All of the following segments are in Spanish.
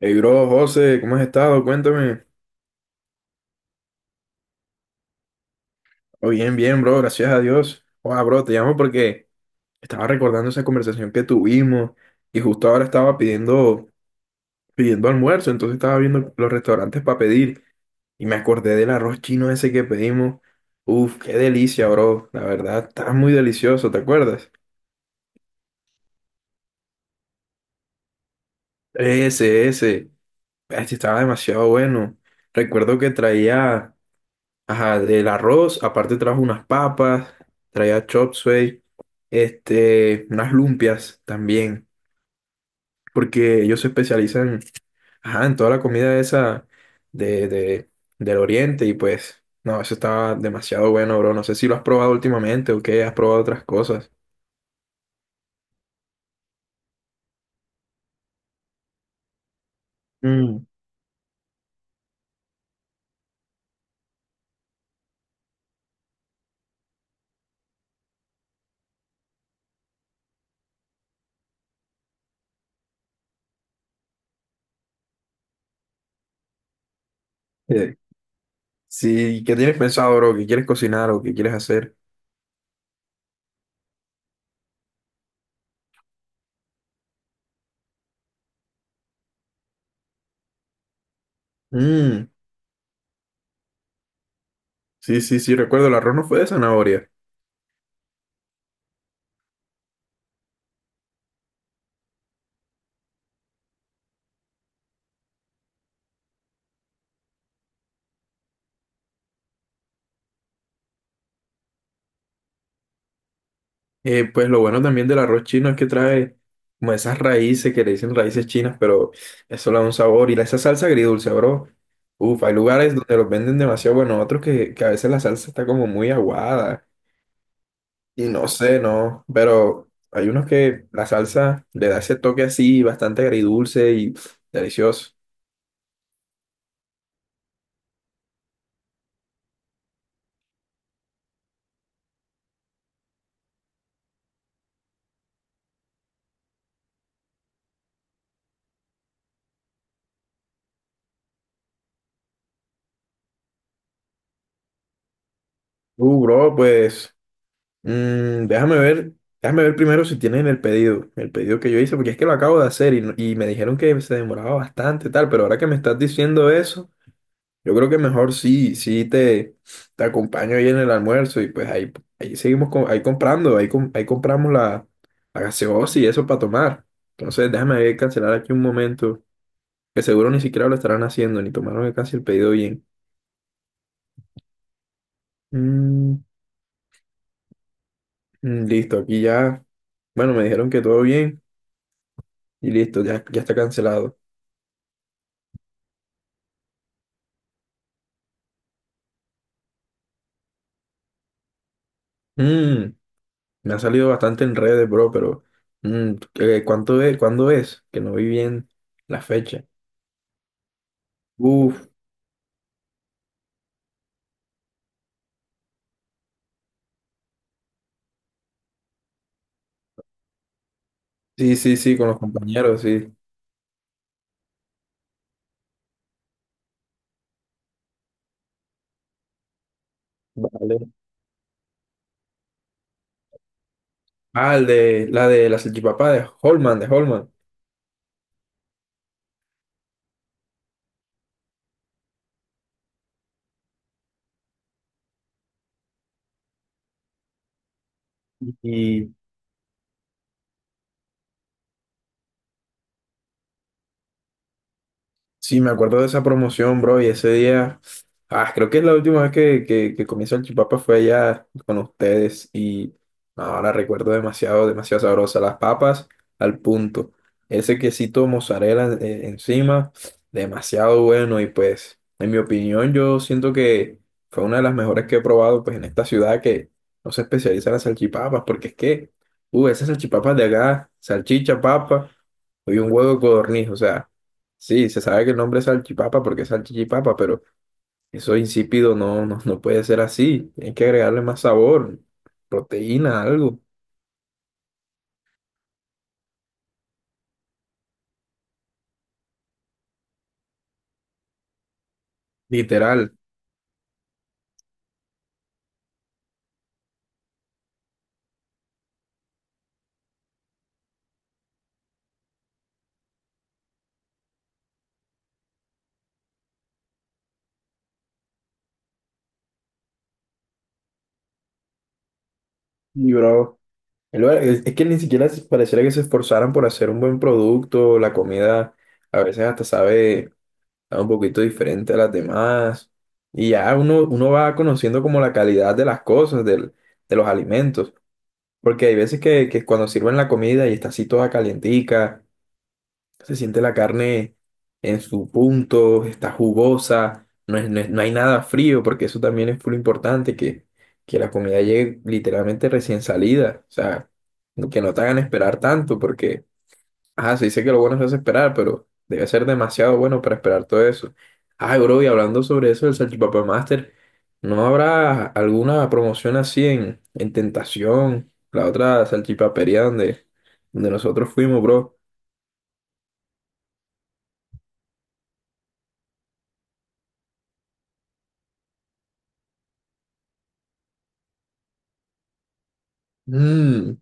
Hey, bro, José, ¿cómo has estado? Cuéntame. Oh, bien, bien, bro, gracias a Dios. Wow, bro, te llamo porque estaba recordando esa conversación que tuvimos y justo ahora estaba pidiendo almuerzo, entonces estaba viendo los restaurantes para pedir y me acordé del arroz chino ese que pedimos. Uf, qué delicia, bro. La verdad, está muy delicioso, ¿te acuerdas? Ese, ese. Este estaba demasiado bueno. Recuerdo que traía. Ajá, del arroz, aparte trajo unas papas, traía chop suey, unas lumpias también, porque ellos se especializan, ajá, en toda la comida esa de, de, del oriente y pues, no, eso estaba demasiado bueno, bro. No sé si lo has probado últimamente o qué, has probado otras cosas. Mm, eh, sí, ¿qué tienes pensado, bro? ¿Qué quieres cocinar o qué quieres hacer? Mm, sí, sí, sí, recuerdo, el arroz no fue de zanahoria. Pues lo bueno también del arroz chino es que trae como esas raíces que le dicen raíces chinas, pero eso le da un sabor. Esa salsa agridulce, bro. Uf, hay lugares donde los venden demasiado bueno, otros que a veces la salsa está como muy aguada. Y no sé, no. Pero hay unos que la salsa le da ese toque así, bastante agridulce y pff, delicioso. Bro, pues. Mm, déjame ver primero si tienen el pedido que yo hice, porque es que lo acabo de hacer y, no- y me dijeron que se demoraba bastante, tal, pero ahora que me estás diciendo eso, yo creo que mejor sí, te acompaño ahí en el almuerzo y pues ahí, ahí seguimos, ahí comprando, ahí, ahí compramos la gaseosa y eso para tomar. Entonces déjame ver, cancelar aquí un momento, que seguro ni siquiera lo estarán haciendo, ni tomaron casi el pedido bien. Mm, Listo, aquí ya, bueno, me dijeron que todo bien y listo, ya, ya está cancelado. Mm, me ha salido bastante en redes, bro, pero ¿cuánto es? ¿Cuándo es? Que no vi bien la fecha. Uf, sí, sí, sí, con los compañeros, sí. Vale. Ah, la de la salchipapa de Holman, de Holman. Y sí, me acuerdo de esa promoción, bro, y ese día, ah, creo que es la última vez que, que comí salchipapa fue allá con ustedes y ahora recuerdo demasiado, demasiado sabrosa. Las papas al punto, ese quesito mozzarella encima, demasiado bueno y pues, en mi opinión, yo siento que fue una de las mejores que he probado pues en esta ciudad que no se especializa en las salchipapas, porque es que, esas salchipapas de acá, salchicha, papa y un huevo de codorniz, o sea. Sí, se sabe que el nombre es salchipapa porque es salchichipapa, pero eso insípido no, no, no puede ser así. Hay que agregarle más sabor, proteína, algo, literal. Y bro, es que ni siquiera pareciera que se esforzaran por hacer un buen producto. La comida a veces hasta sabe, sabe un poquito diferente a las demás. Y ya uno, uno va conociendo como la calidad de las cosas, de los alimentos. Porque hay veces que cuando sirven la comida y está así toda calientica. Se siente la carne en su punto, está jugosa, no hay nada frío, porque eso también es muy importante, que la comida llegue literalmente recién salida. O sea, que no te hagan esperar tanto, porque, ajá, se dice que lo bueno se hace esperar, pero debe ser demasiado bueno para esperar todo eso. Ay, bro, y hablando sobre eso del Salchipapa Master, ¿no habrá alguna promoción así en Tentación, la otra salchipapería donde, donde nosotros fuimos, bro? Mmm,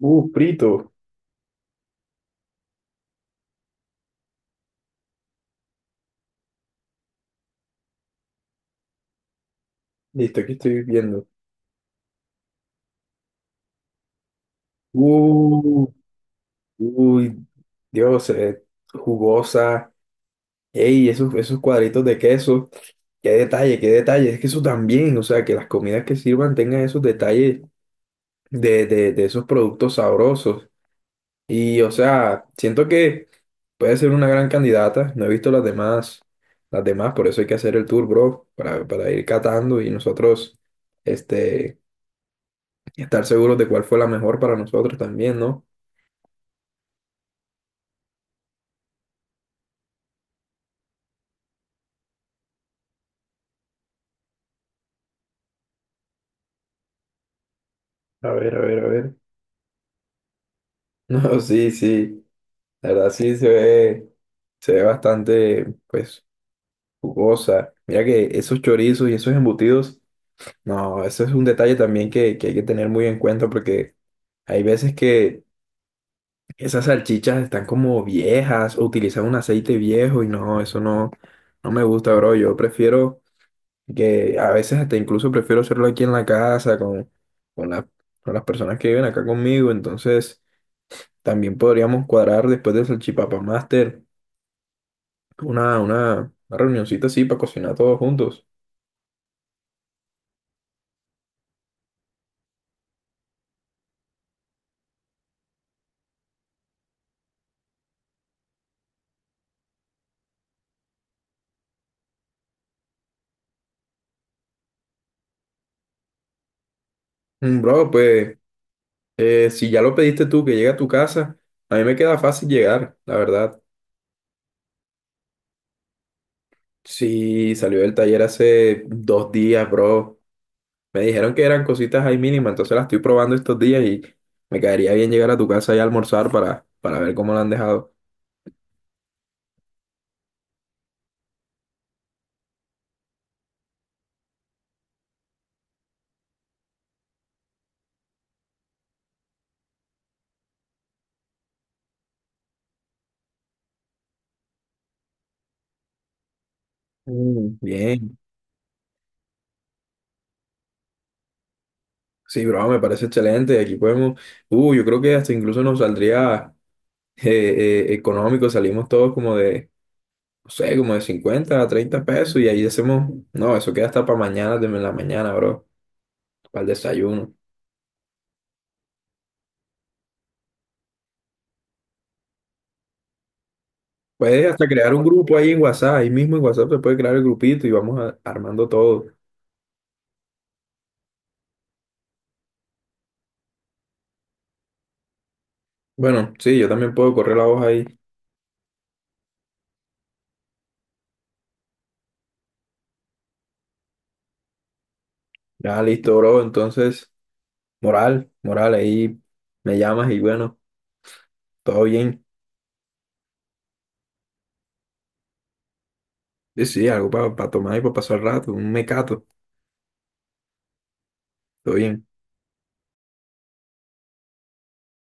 uh, frito. Listo, aquí estoy viendo. Uh, uy, Dios, jugosa. Ey, esos, esos cuadritos de queso. Qué detalle, qué detalle. Es que eso también, o sea, que las comidas que sirvan tengan esos detalles de esos productos sabrosos. Y, o sea, siento que puede ser una gran candidata. No he visto las demás, por eso hay que hacer el tour, bro, para ir catando y nosotros, este, estar seguros de cuál fue la mejor para nosotros también, ¿no? A ver, a ver, a ver. No, sí, sí. La verdad sí se ve bastante, pues, jugosa. Mira que esos chorizos y esos embutidos, no, eso es un detalle también que hay que tener muy en cuenta porque hay veces que esas salchichas están como viejas o utilizan un aceite viejo y no, eso no, no me gusta, bro. Yo prefiero que a veces hasta incluso prefiero hacerlo aquí en la casa con, con la- con las personas que viven acá conmigo, entonces. También podríamos cuadrar después del Salchipapa Master una reunioncita así para cocinar todos juntos. Mm, bro, pues si ya lo pediste tú que llegue a tu casa, a mí me queda fácil llegar, la verdad. Sí, salió del taller hace 2 días, bro. Me dijeron que eran cositas ahí mínimas, entonces las estoy probando estos días y me caería bien llegar a tu casa y almorzar para ver cómo la han dejado. Mm, bien, sí, bro, me parece excelente. Aquí podemos, yo creo que hasta incluso nos saldría. Económico, salimos todos como de, no sé, como de 50 a 30 pesos y ahí hacemos, no, eso queda hasta para mañana, de la mañana, bro, para el desayuno. Puedes hasta crear un grupo ahí en WhatsApp, ahí mismo en WhatsApp se puede crear el grupito y armando todo. Bueno, sí, yo también puedo correr la hoja ahí. Ya, listo, bro, entonces, moral, moral, ahí me llamas y bueno, todo bien. Sí, sí, algo para tomar y para pasar el rato, un mecato, todo bien.